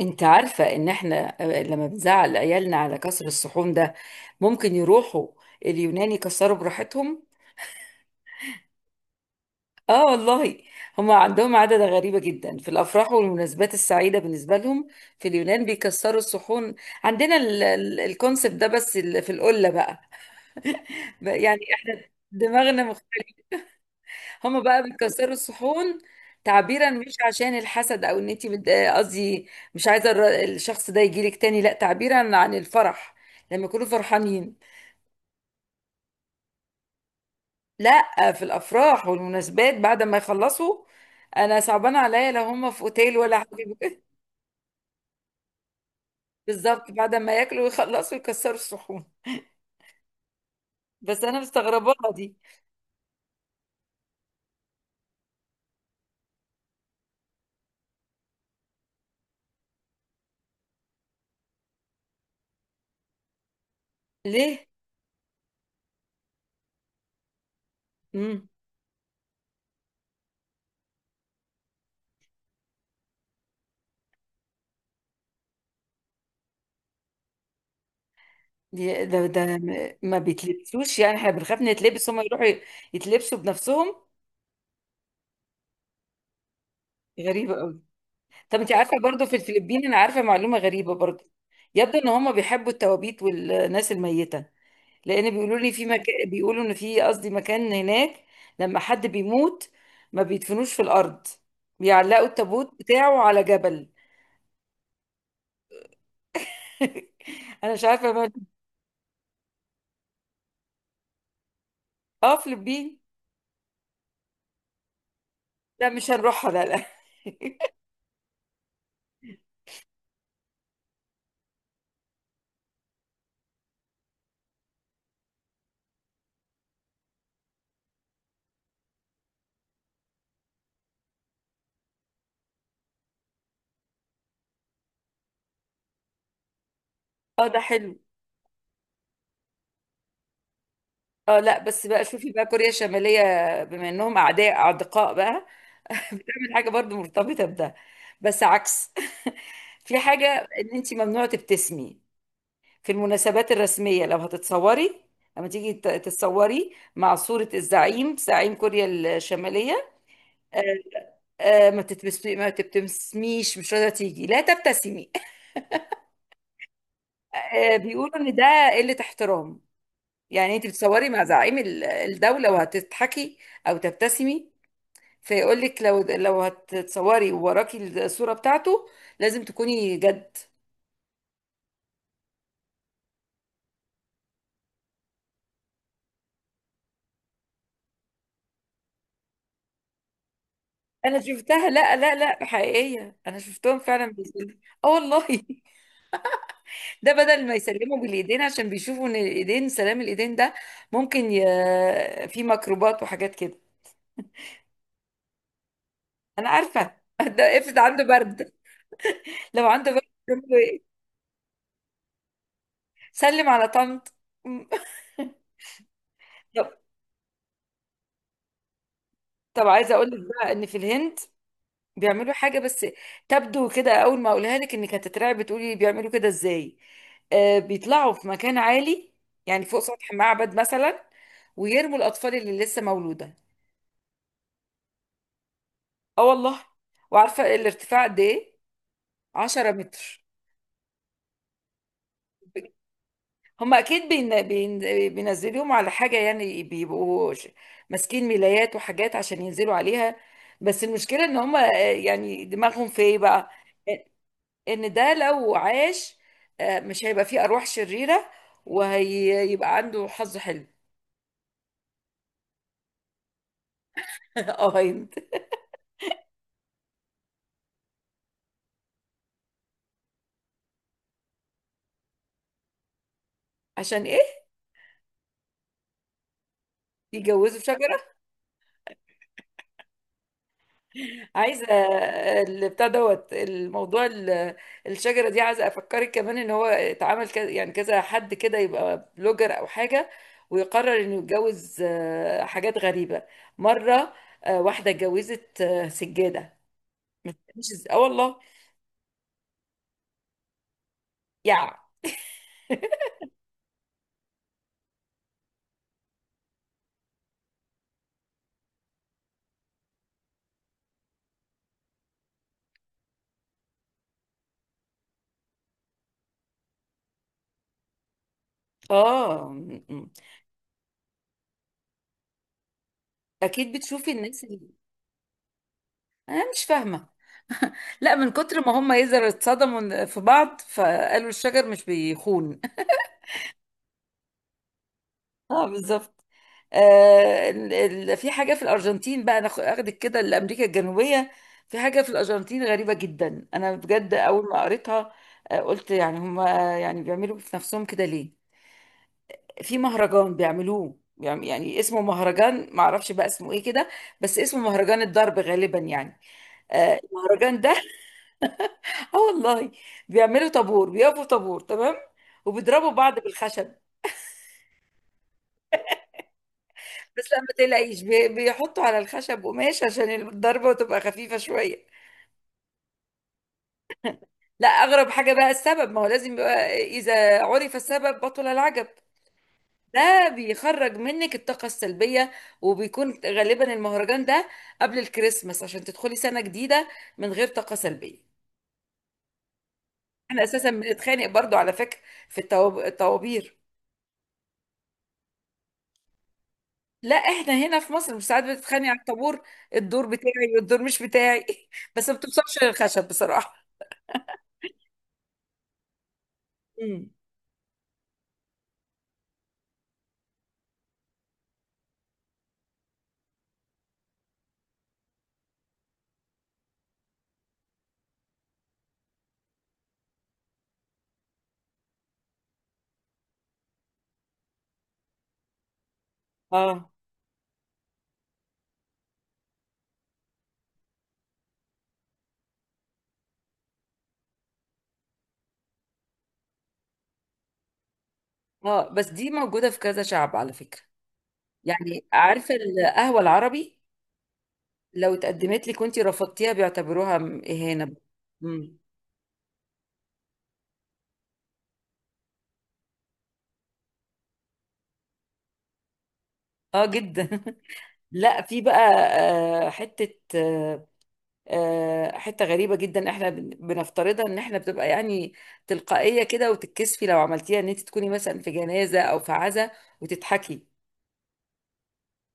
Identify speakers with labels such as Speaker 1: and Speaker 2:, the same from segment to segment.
Speaker 1: انت عارفة ان احنا لما بنزعل عيالنا على كسر الصحون ده ممكن يروحوا اليونان يكسروا براحتهم. اه والله، هم عندهم عادة غريبة جدا في الافراح والمناسبات السعيدة بالنسبة لهم. في اليونان بيكسروا الصحون. عندنا الكونسبت ده، بس في القلة بقى. بقى يعني احنا دماغنا، هما بقى بيكسروا الصحون تعبيرا، مش عشان الحسد او ان انت قصدي مش عايزه الشخص ده يجيلك تاني، لا، تعبيرا عن الفرح، لما يكونوا فرحانين. لا، في الافراح والمناسبات بعد ما يخلصوا. انا صعبان عليا لو هما في اوتيل ولا حاجه. بالظبط، بعد ما ياكلوا ويخلصوا يكسروا الصحون، بس انا مستغرباها دي. ليه. امم. ده ما بيتلبسوش؟ يعني احنا بنخاف نتلبس، هما يروحوا يتلبسوا بنفسهم. غريبه قوي. طب انت عارفه برضو في الفلبين، انا عارفه معلومه غريبه برضو. يبدو ان هم بيحبوا التوابيت والناس الميته، لان بيقولوا لي في مكان، بيقولوا ان في، قصدي مكان هناك لما حد بيموت ما بيدفنوش في الارض، بيعلقوا التابوت بتاعه على جبل. انا مش عارفه ما اه، فلبين. لا مش هنروحها، لا لا. اه ده حلو. اه لا، بس بقى شوفي بقى، كوريا الشماليه، بما انهم اعداء اعدقاء بقى، تعمل حاجه برضو مرتبطه بده، بس عكس. في حاجه ان انت ممنوع تبتسمي في المناسبات الرسمية. لو هتتصوري، لما تيجي تتصوري مع صورة الزعيم، زعيم كوريا الشمالية، آه، ما تبتسميش. مش راضية تيجي، لا تبتسمي. بيقولوا ان ده قلة احترام. يعني انت بتصوري مع زعيم الدولة وهتضحكي او تبتسمي، فيقول لك لو هتتصوري ووراكي الصورة بتاعته لازم تكوني جد. انا شفتها، لا لا لا، حقيقية، انا شفتهم فعلا بيقولوا. اه والله، ده بدل ما يسلموا بالايدين، عشان بيشوفوا ان الايدين، سلام الايدين ده ممكن ي في ميكروبات وحاجات كده. انا عارفه. ده افرض عنده برد، لو عنده برد يقول له إيه؟ سلم على طنط. طب طب عايزه اقول لك بقى ان في الهند بيعملوا حاجه، بس تبدو كده اول ما اقولها لك انك هتترعب، بتقولي بيعملوا كده ازاي. بيطلعوا في مكان عالي، يعني فوق سطح معبد مثلا، ويرموا الاطفال اللي لسه مولوده. اه والله. وعارفه الارتفاع قد ايه؟ 10 متر. هم اكيد بين بين، بينزلوهم على حاجه، يعني بيبقوا ماسكين ملايات وحاجات عشان ينزلوا عليها. بس المشكله ان هم، يعني دماغهم في ايه بقى، ان ده لو عاش، مش هيبقى فيه ارواح شريره وهيبقى عنده حظ حلو. اه هيمت. عشان ايه يجوزوا شجره؟ عايزه البتاع دوت الموضوع الشجره دي، عايزه افكرك كمان ان هو اتعمل كذا، يعني كذا حد كده يبقى بلوجر او حاجه ويقرر انه يتجوز. حاجات غريبه مره. واحده اتجوزت، سجاده، مش اه والله، يعني. اه م. اكيد بتشوفي الناس اللي، انا مش فاهمه، لا من كتر ما هم يزر اتصدموا في بعض فقالوا الشجر مش بيخون. اه بالظبط. في حاجة في الأرجنتين بقى، أنا أخدك كده لأمريكا الجنوبية. في حاجة في الأرجنتين غريبة جدا، أنا بجد أول ما قريتها قلت يعني هما، يعني بيعملوا في نفسهم كده ليه؟ في مهرجان بيعملوه يعني اسمه مهرجان، معرفش بقى اسمه ايه كده، بس اسمه مهرجان الضرب غالبا، يعني المهرجان ده. اه والله، بيعملوا طابور، بيقفوا طابور تمام، وبيضربوا بعض بالخشب. بس لا ما تقلقيش، بيحطوا على الخشب قماش عشان الضربة تبقى خفيفة شوية. لا، اغرب حاجه بقى السبب، ما هو لازم يبقى، اذا عرف السبب بطل العجب. ده بيخرج منك الطاقه السلبيه، وبيكون غالبا المهرجان ده قبل الكريسماس عشان تدخلي سنه جديده من غير طاقه سلبيه. احنا اساسا بنتخانق برضو، على فكره، في الطوابير. لا احنا هنا في مصر، مش ساعات بتتخانق على الطابور؟ الدور بتاعي والدور مش بتاعي. بس ما بتوصلش للخشب بصراحه. امم. اه، اه، بس دي موجوده في كذا شعب، على فكره. يعني عارفه القهوه العربي، لو اتقدمت لك وانتي رفضتيها بيعتبروها اهانه. مم. اه جدا. لا في بقى حته، حته غريبه جدا احنا بنفترضها ان احنا بتبقى يعني تلقائيه كده، وتتكسفي لو عملتيها، ان انت تكوني مثلا في جنازه او في عزا وتضحكي.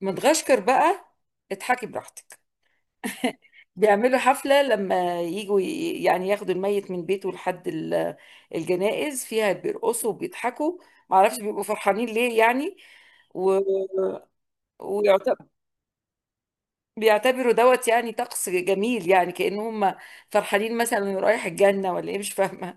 Speaker 1: مدغشقر بقى اضحكي براحتك. بيعملوا حفلة لما يجوا يعني ياخدوا الميت من بيته لحد الجنائز فيها بيرقصوا وبيضحكوا، معرفش بيبقوا فرحانين ليه يعني. و... وبيعتبروا دوت يعني طقس جميل، يعني كأنهم فرحانين مثلا رايح الجنة ولا ايه، مش فاهمة.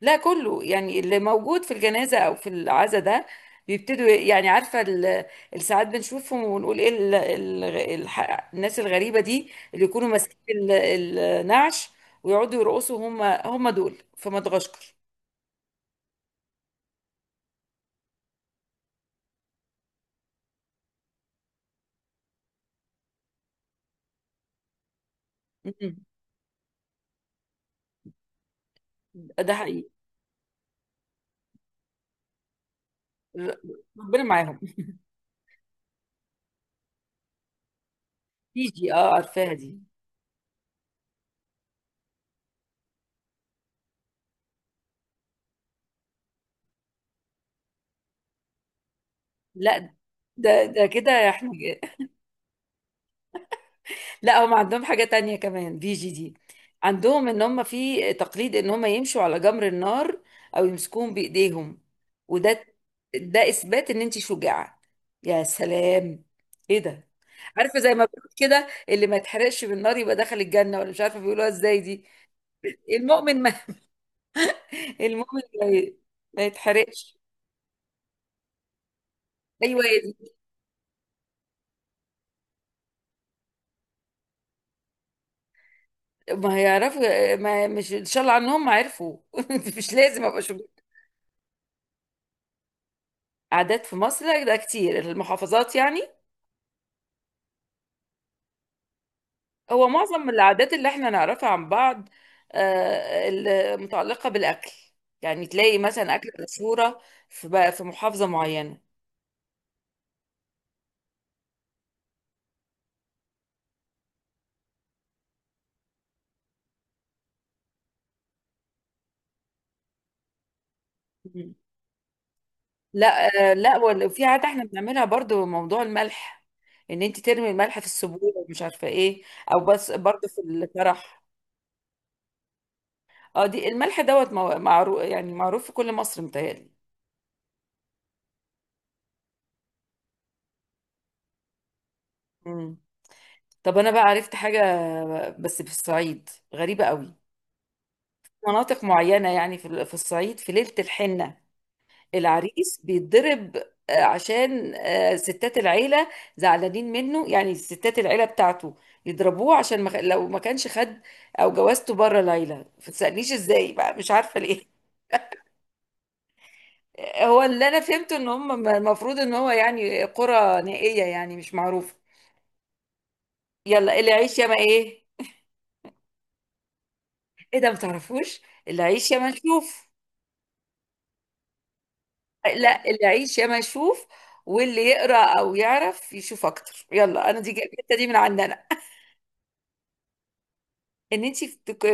Speaker 1: لا كله، يعني اللي موجود في الجنازة أو في العزا ده بيبتدوا، يعني عارفة الساعات بنشوفهم ونقول إيه، الناس الغريبة دي اللي يكونوا ماسكين النعش ويقعدوا يرقصوا؟ هم دول في مدغشقر. مم. ده حقيقي. ر- ربنا معاهم. فيجي، اه عارفاها دي. لا ده كده احنا. لا هم عندهم حاجة تانية كمان بي جي دي، عندهم ان هم في تقليد ان هم يمشوا على جمر النار او يمسكوهم بايديهم. وده، ده اثبات ان انت شجاعة. يا سلام، ايه ده! عارفة زي ما بيقول كده، اللي ما يتحرقش بالنار يبقى دخل الجنة ولا مش عارفة بيقولوها ازاي دي. المؤمن ما المؤمن ما يتحرقش. ايوه هي دي. ما هيعرفوا. ما مش، ان شاء الله عنهم ما عرفوا. مش لازم ابقى شجاعة. عادات في مصر؟ لا، ده كتير، المحافظات يعني. هو معظم العادات اللي احنا نعرفها عن بعض المتعلقة بالأكل، يعني تلاقي مثلا أكلة مشهورة في محافظة معينة. مم. لا، لا في عادة احنا بنعملها برضو، موضوع الملح، ان انت ترمي الملح في السبوع ومش عارفة ايه، او بس برضو في الفرح. اه دي الملح دوت معروف، يعني معروف في كل مصر، متهيألي. مم. طب انا بقى عرفت حاجة بس في الصعيد غريبة قوي. مناطق معينة يعني، في الصعيد في ليلة الحنة العريس بيتضرب. عشان ستات العيلة زعلانين منه، يعني ستات العيلة بتاعته يضربوه عشان ما خ- لو ما كانش خد او جوازته بره ليلى، ما تسألنيش ازاي بقى، مش عارفة ليه. هو اللي انا فهمته ان هم، المفروض ان هو يعني قرى نائية يعني مش معروفة. يلا، اللي يعيش يا ما ايه. ايه ده، ما تعرفوش؟ اللي يعيش يا ما نشوف. لا، اللي يعيش يا ما يشوف، واللي يقرا او يعرف يشوف اكتر. يلا انا دي الحته دي من عندنا. ان انت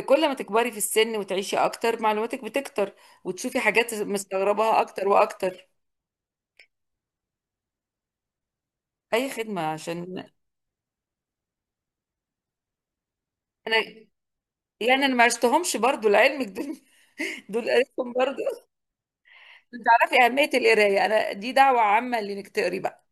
Speaker 1: كل ما تكبري في السن وتعيشي اكتر، معلوماتك بتكتر، وتشوفي حاجات مستغرباها اكتر واكتر. اي خدمه، عشان انا، يعني انا ما عشتهمش برضو لعلمك دول. دول قريتهم برضو. انت تعرفي اهميه القرايه، انا دي دعوه عامه لانك تقري بقى.